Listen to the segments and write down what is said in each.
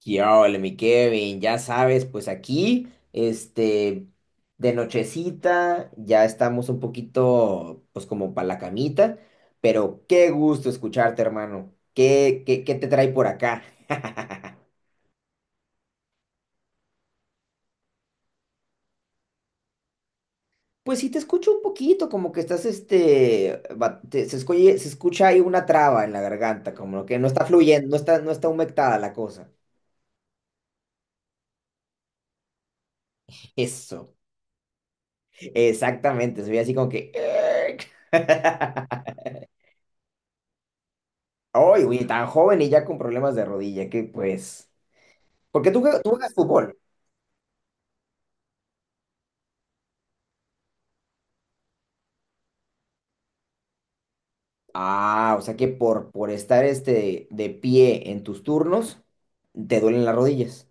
¿Qué ole, mi Kevin? Ya sabes, pues aquí, de nochecita, ya estamos un poquito, pues como para la camita, pero qué gusto escucharte, hermano. ¿Qué te trae por acá? Pues sí, te escucho un poquito, como que estás, se escucha ahí una traba en la garganta, como que no está fluyendo, no está humectada la cosa. Eso, exactamente, soy así como que... Ay, güey, tan joven y ya con problemas de rodilla, que pues. Porque tú juegas fútbol. Ah, o sea que por estar este de pie en tus turnos, te duelen las rodillas.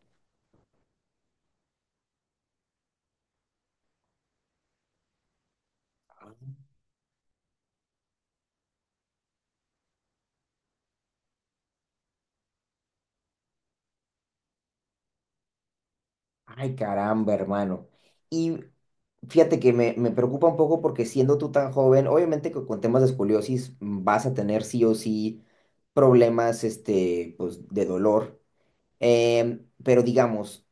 Ay, caramba, hermano. Y fíjate que me preocupa un poco porque siendo tú tan joven, obviamente que con temas de escoliosis vas a tener sí o sí problemas este, pues, de dolor. Pero digamos,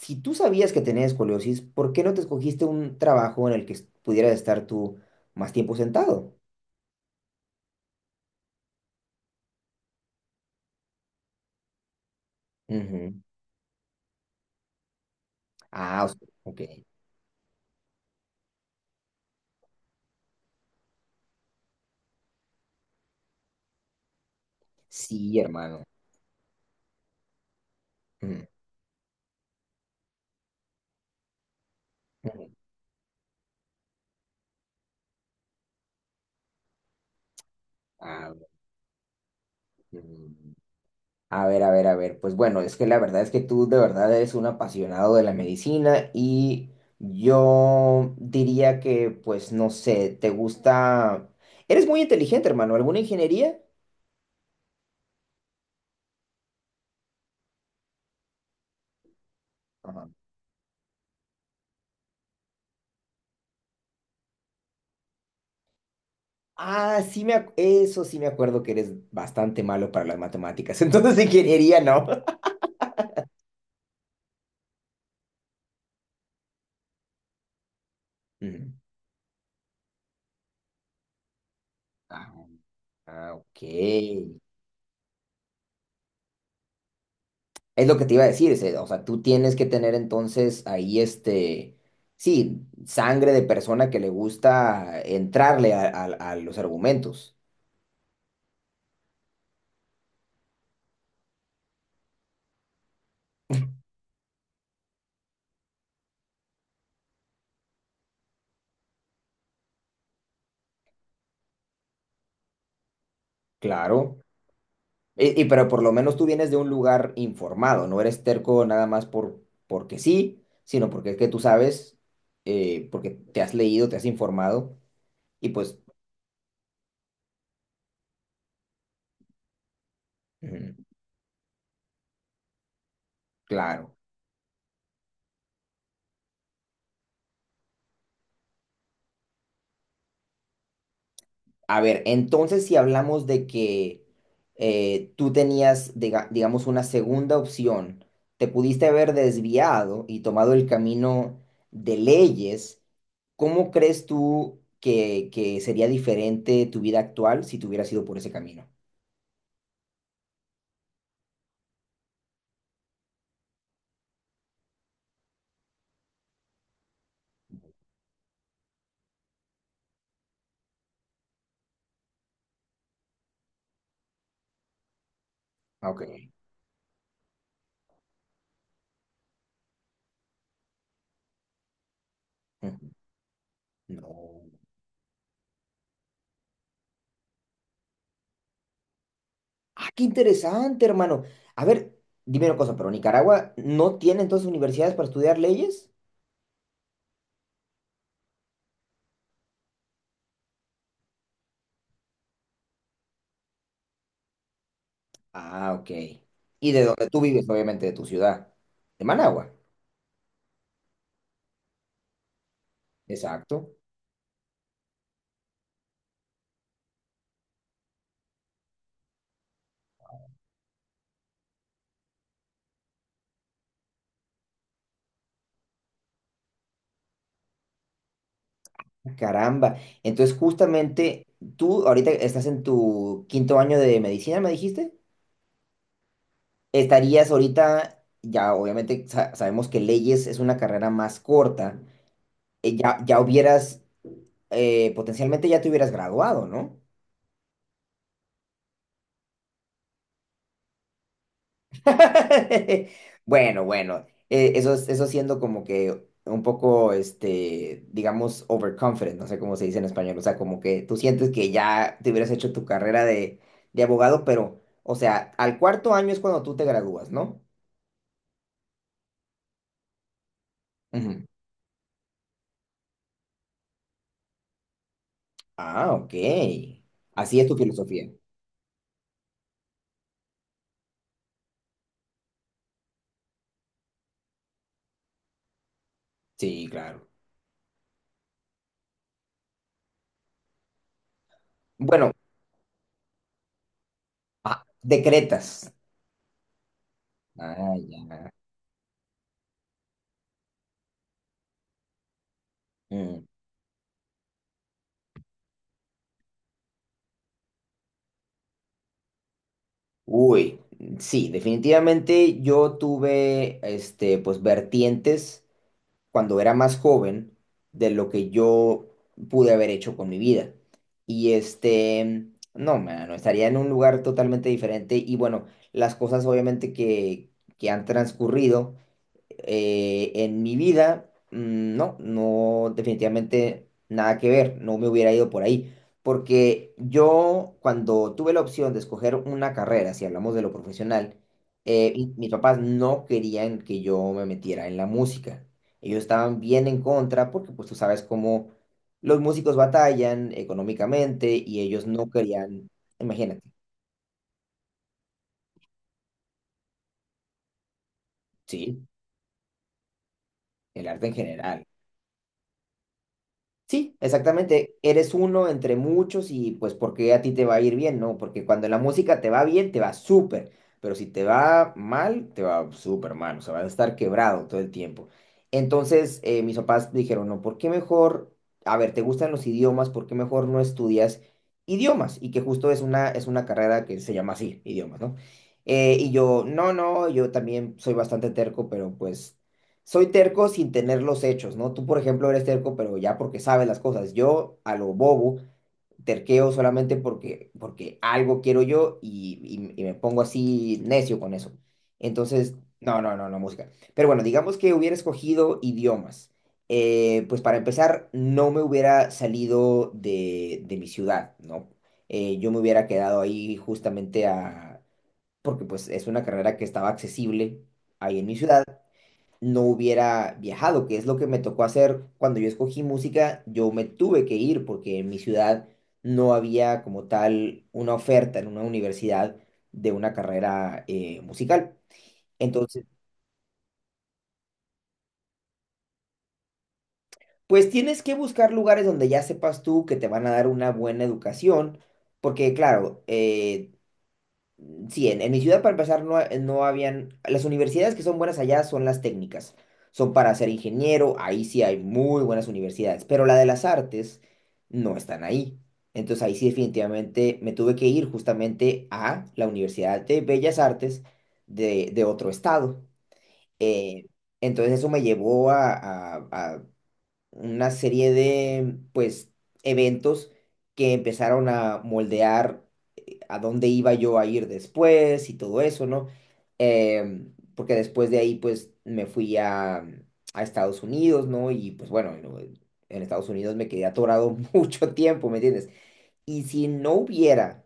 si tú sabías que tenías escoliosis, ¿por qué no te escogiste un trabajo en el que pudieras estar tú más tiempo sentado? Ujú. Ah, o sea, ok. Sí, hermano. Ujú, ujú. A ver, mm, a ver. Pues bueno, es que la verdad es que tú de verdad eres un apasionado de la medicina y yo diría que, pues no sé, te gusta... Eres muy inteligente, hermano. ¿Alguna ingeniería? Ah, eso sí me acuerdo que eres bastante malo para las matemáticas. Entonces, ingeniería, ¿no? Ujú. Ah, ah, ok. Es lo que te iba a decir, o sea, tú tienes que tener entonces ahí este, sí, sangre de persona que le gusta entrarle a los argumentos, claro. Y pero por lo menos tú vienes de un lugar informado, no eres terco nada más porque sí, sino porque es que tú sabes, porque te has leído, te has informado y pues ujú, claro. A ver, entonces si hablamos de que tú tenías, digamos, una segunda opción, te pudiste haber desviado y tomado el camino de leyes, ¿cómo crees tú que sería diferente tu vida actual si te hubieras ido por ese camino? Ah, ok. Ujú. No. Ah, qué interesante, hermano. A ver, dime una cosa, ¿pero Nicaragua no tiene entonces universidades para estudiar leyes? Ah, ok. Y de donde tú vives, obviamente, de tu ciudad, de Managua. Exacto. Ah, caramba. Entonces, justamente, tú ahorita estás en tu quinto año de medicina, ¿me dijiste? Estarías ahorita, ya obviamente sabemos que leyes es una carrera más corta, eh, ya, ya hubieras, potencialmente ya te hubieras graduado, ¿no? Bueno, eso, eso siendo como que un poco, este, digamos, overconfident, no sé cómo se dice en español, o sea, como que tú sientes que ya te hubieras hecho tu carrera de abogado, pero, o sea, al cuarto año es cuando tú te gradúas, ¿no? Ujú. Ah, ok. Así es tu filosofía. Sí, claro. Bueno, ah, decretas. Ah, ya. Mm. Uy, sí, definitivamente yo tuve, este, pues, vertientes, cuando era más joven de lo que yo pude haber hecho con mi vida. Y este, no, mano, estaría en un lugar totalmente diferente. Y bueno, las cosas obviamente que han transcurrido en mi vida, no, no, definitivamente nada que ver, no me hubiera ido por ahí, porque yo cuando tuve la opción de escoger una carrera, si hablamos de lo profesional, mis papás no querían que yo me metiera en la música. Ellos estaban bien en contra porque pues tú sabes cómo los músicos batallan económicamente y ellos no querían, imagínate, sí, el arte en general. Sí, exactamente. Eres uno entre muchos y pues porque a ti te va a ir bien, ¿no? Porque cuando la música te va bien, te va súper, pero si te va mal, te va súper mal, o sea, vas a estar quebrado todo el tiempo. Entonces, mis papás dijeron, no, ¿por qué mejor, a ver, te gustan los idiomas, ¿por qué mejor no estudias idiomas? Y que justo es una carrera que se llama así, idiomas, ¿no? Y yo, no, no, yo también soy bastante terco, pero pues soy terco sin tener los hechos, ¿no? Tú, por ejemplo, eres terco, pero ya porque sabes las cosas. Yo, a lo bobo, terqueo solamente porque algo quiero yo y me pongo así necio con eso. Entonces, no, no, música. Pero bueno, digamos que hubiera escogido idiomas. Pues para empezar, no me hubiera salido de mi ciudad, ¿no? Yo me hubiera quedado ahí justamente a... porque pues es una carrera que estaba accesible ahí en mi ciudad, no hubiera viajado, que es lo que me tocó hacer cuando yo escogí música, yo me tuve que ir porque en mi ciudad no había como tal una oferta en una universidad de una carrera musical. Entonces, pues tienes que buscar lugares donde ya sepas tú que te van a dar una buena educación, porque claro, sí, en mi ciudad para empezar no, no habían, las universidades que son buenas allá son las técnicas, son para ser ingeniero, ahí sí hay muy buenas universidades, pero la de las artes no están ahí. Entonces ahí sí definitivamente me tuve que ir justamente a la Universidad de Bellas Artes de otro estado. Eh, entonces eso me llevó a una serie de pues eventos que empezaron a moldear a dónde iba yo a ir después y todo eso, ¿no? Em, porque después de ahí, pues, me fui a Estados Unidos, ¿no? Y pues bueno, no, en Estados Unidos me quedé atorado mucho tiempo, ¿me entiendes? Y si no hubiera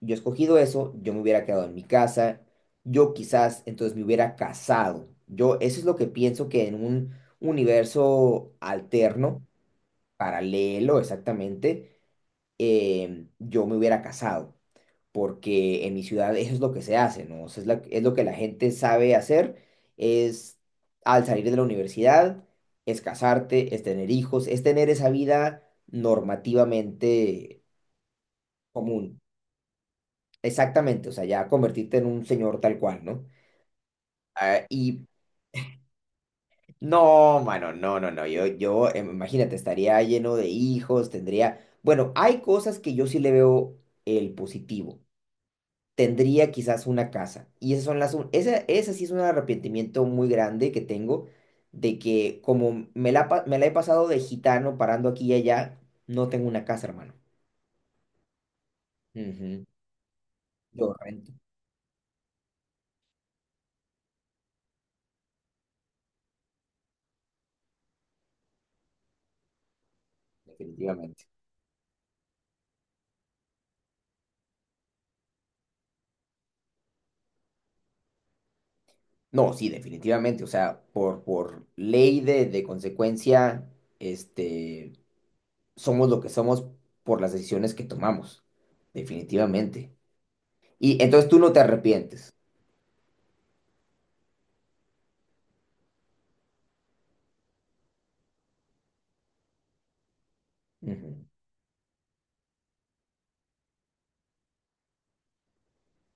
yo escogido eso, yo me hubiera quedado en mi casa, yo quizás entonces me hubiera casado. Yo, eso es lo que pienso que en un universo alterno, paralelo exactamente, em, yo me hubiera casado porque en mi ciudad eso es lo que se hace, ¿no? O sea, es, es lo que la gente sabe hacer, es al salir de la universidad, es casarte, es tener hijos, es tener esa vida normativamente común. Exactamente, o sea, ya convertirte en un señor tal cual, ¿no? Ah, y no, mano, no, yo, yo, em, imagínate, estaría lleno de hijos, tendría, bueno, hay cosas que yo sí le veo el positivo. Tendría quizás una casa. Y esas son las, esa, esa sí es un arrepentimiento muy grande que tengo de que como me la, me la he pasado de gitano parando aquí y allá, no tengo una casa, hermano. Ujú, yo rento. Definitivamente. No, sí, definitivamente. O sea, por ley de consecuencia, este, somos lo que somos por las decisiones que tomamos. Definitivamente. Y entonces tú no te arrepientes.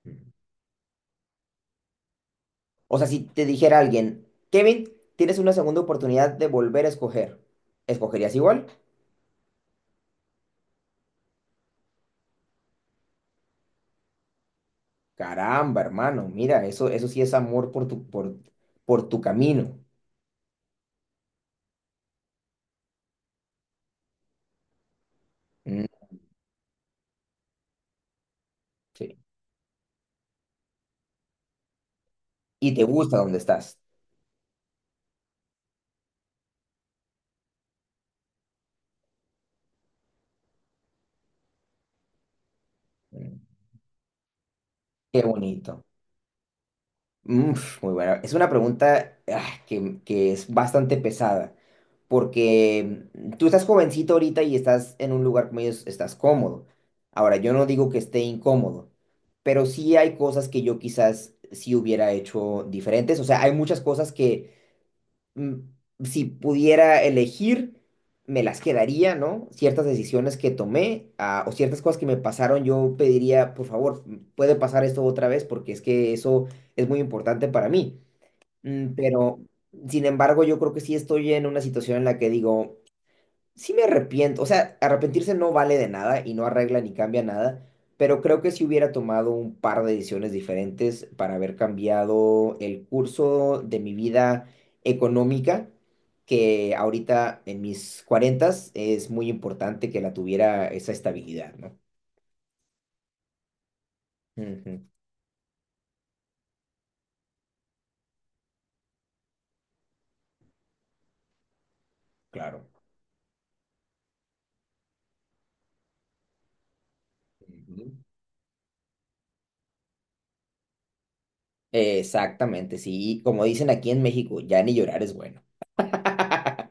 Ujú. O sea, si te dijera alguien, Kevin, tienes una segunda oportunidad de volver a escoger, ¿escogerías igual? Caramba, hermano, mira, eso sí es amor por tu camino. Mm, sí. Y te gusta donde estás. Mm, qué bonito. Mm, muy buena. Es una pregunta ah, que es bastante pesada, porque mm, tú estás jovencito ahorita y estás en un lugar como ellos, estás cómodo. Ahora, yo no digo que esté incómodo, pero sí hay cosas que yo quizás sí hubiera hecho diferentes. O sea, hay muchas cosas que mm, si pudiera elegir, me las quedaría, ¿no? Ciertas decisiones que tomé, ah, o ciertas cosas que me pasaron, yo pediría, por favor, mm, puede pasar esto otra vez, porque es que eso es muy importante para mí. Mm, pero, sin embargo, yo creo que sí estoy en una situación en la que digo, sí me arrepiento, o sea, arrepentirse no vale de nada y no arregla ni cambia nada, pero creo que si hubiera tomado un par de decisiones diferentes para haber cambiado el curso de mi vida económica, que ahorita en mis cuarentas es muy importante que la tuviera esa estabilidad, ¿no? Ujú, claro. Ujú. Exactamente, sí, y como dicen aquí en México, ya ni llorar es bueno.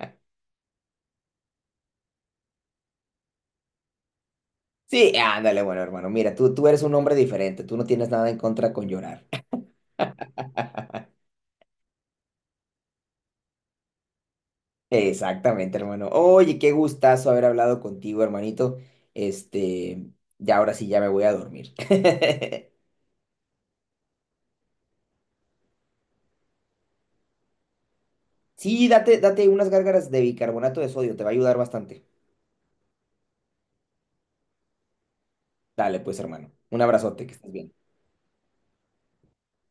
Sí, ándale, bueno, hermano, mira, tú eres un hombre diferente, tú no tienes nada en contra con llorar. Exactamente, hermano. Oye, qué gustazo haber hablado contigo, hermanito. Este, ya ahora sí, ya me voy a dormir. Sí, date unas gárgaras de bicarbonato de sodio, te va a ayudar bastante. Dale, pues, hermano. Un abrazote, que estés bien.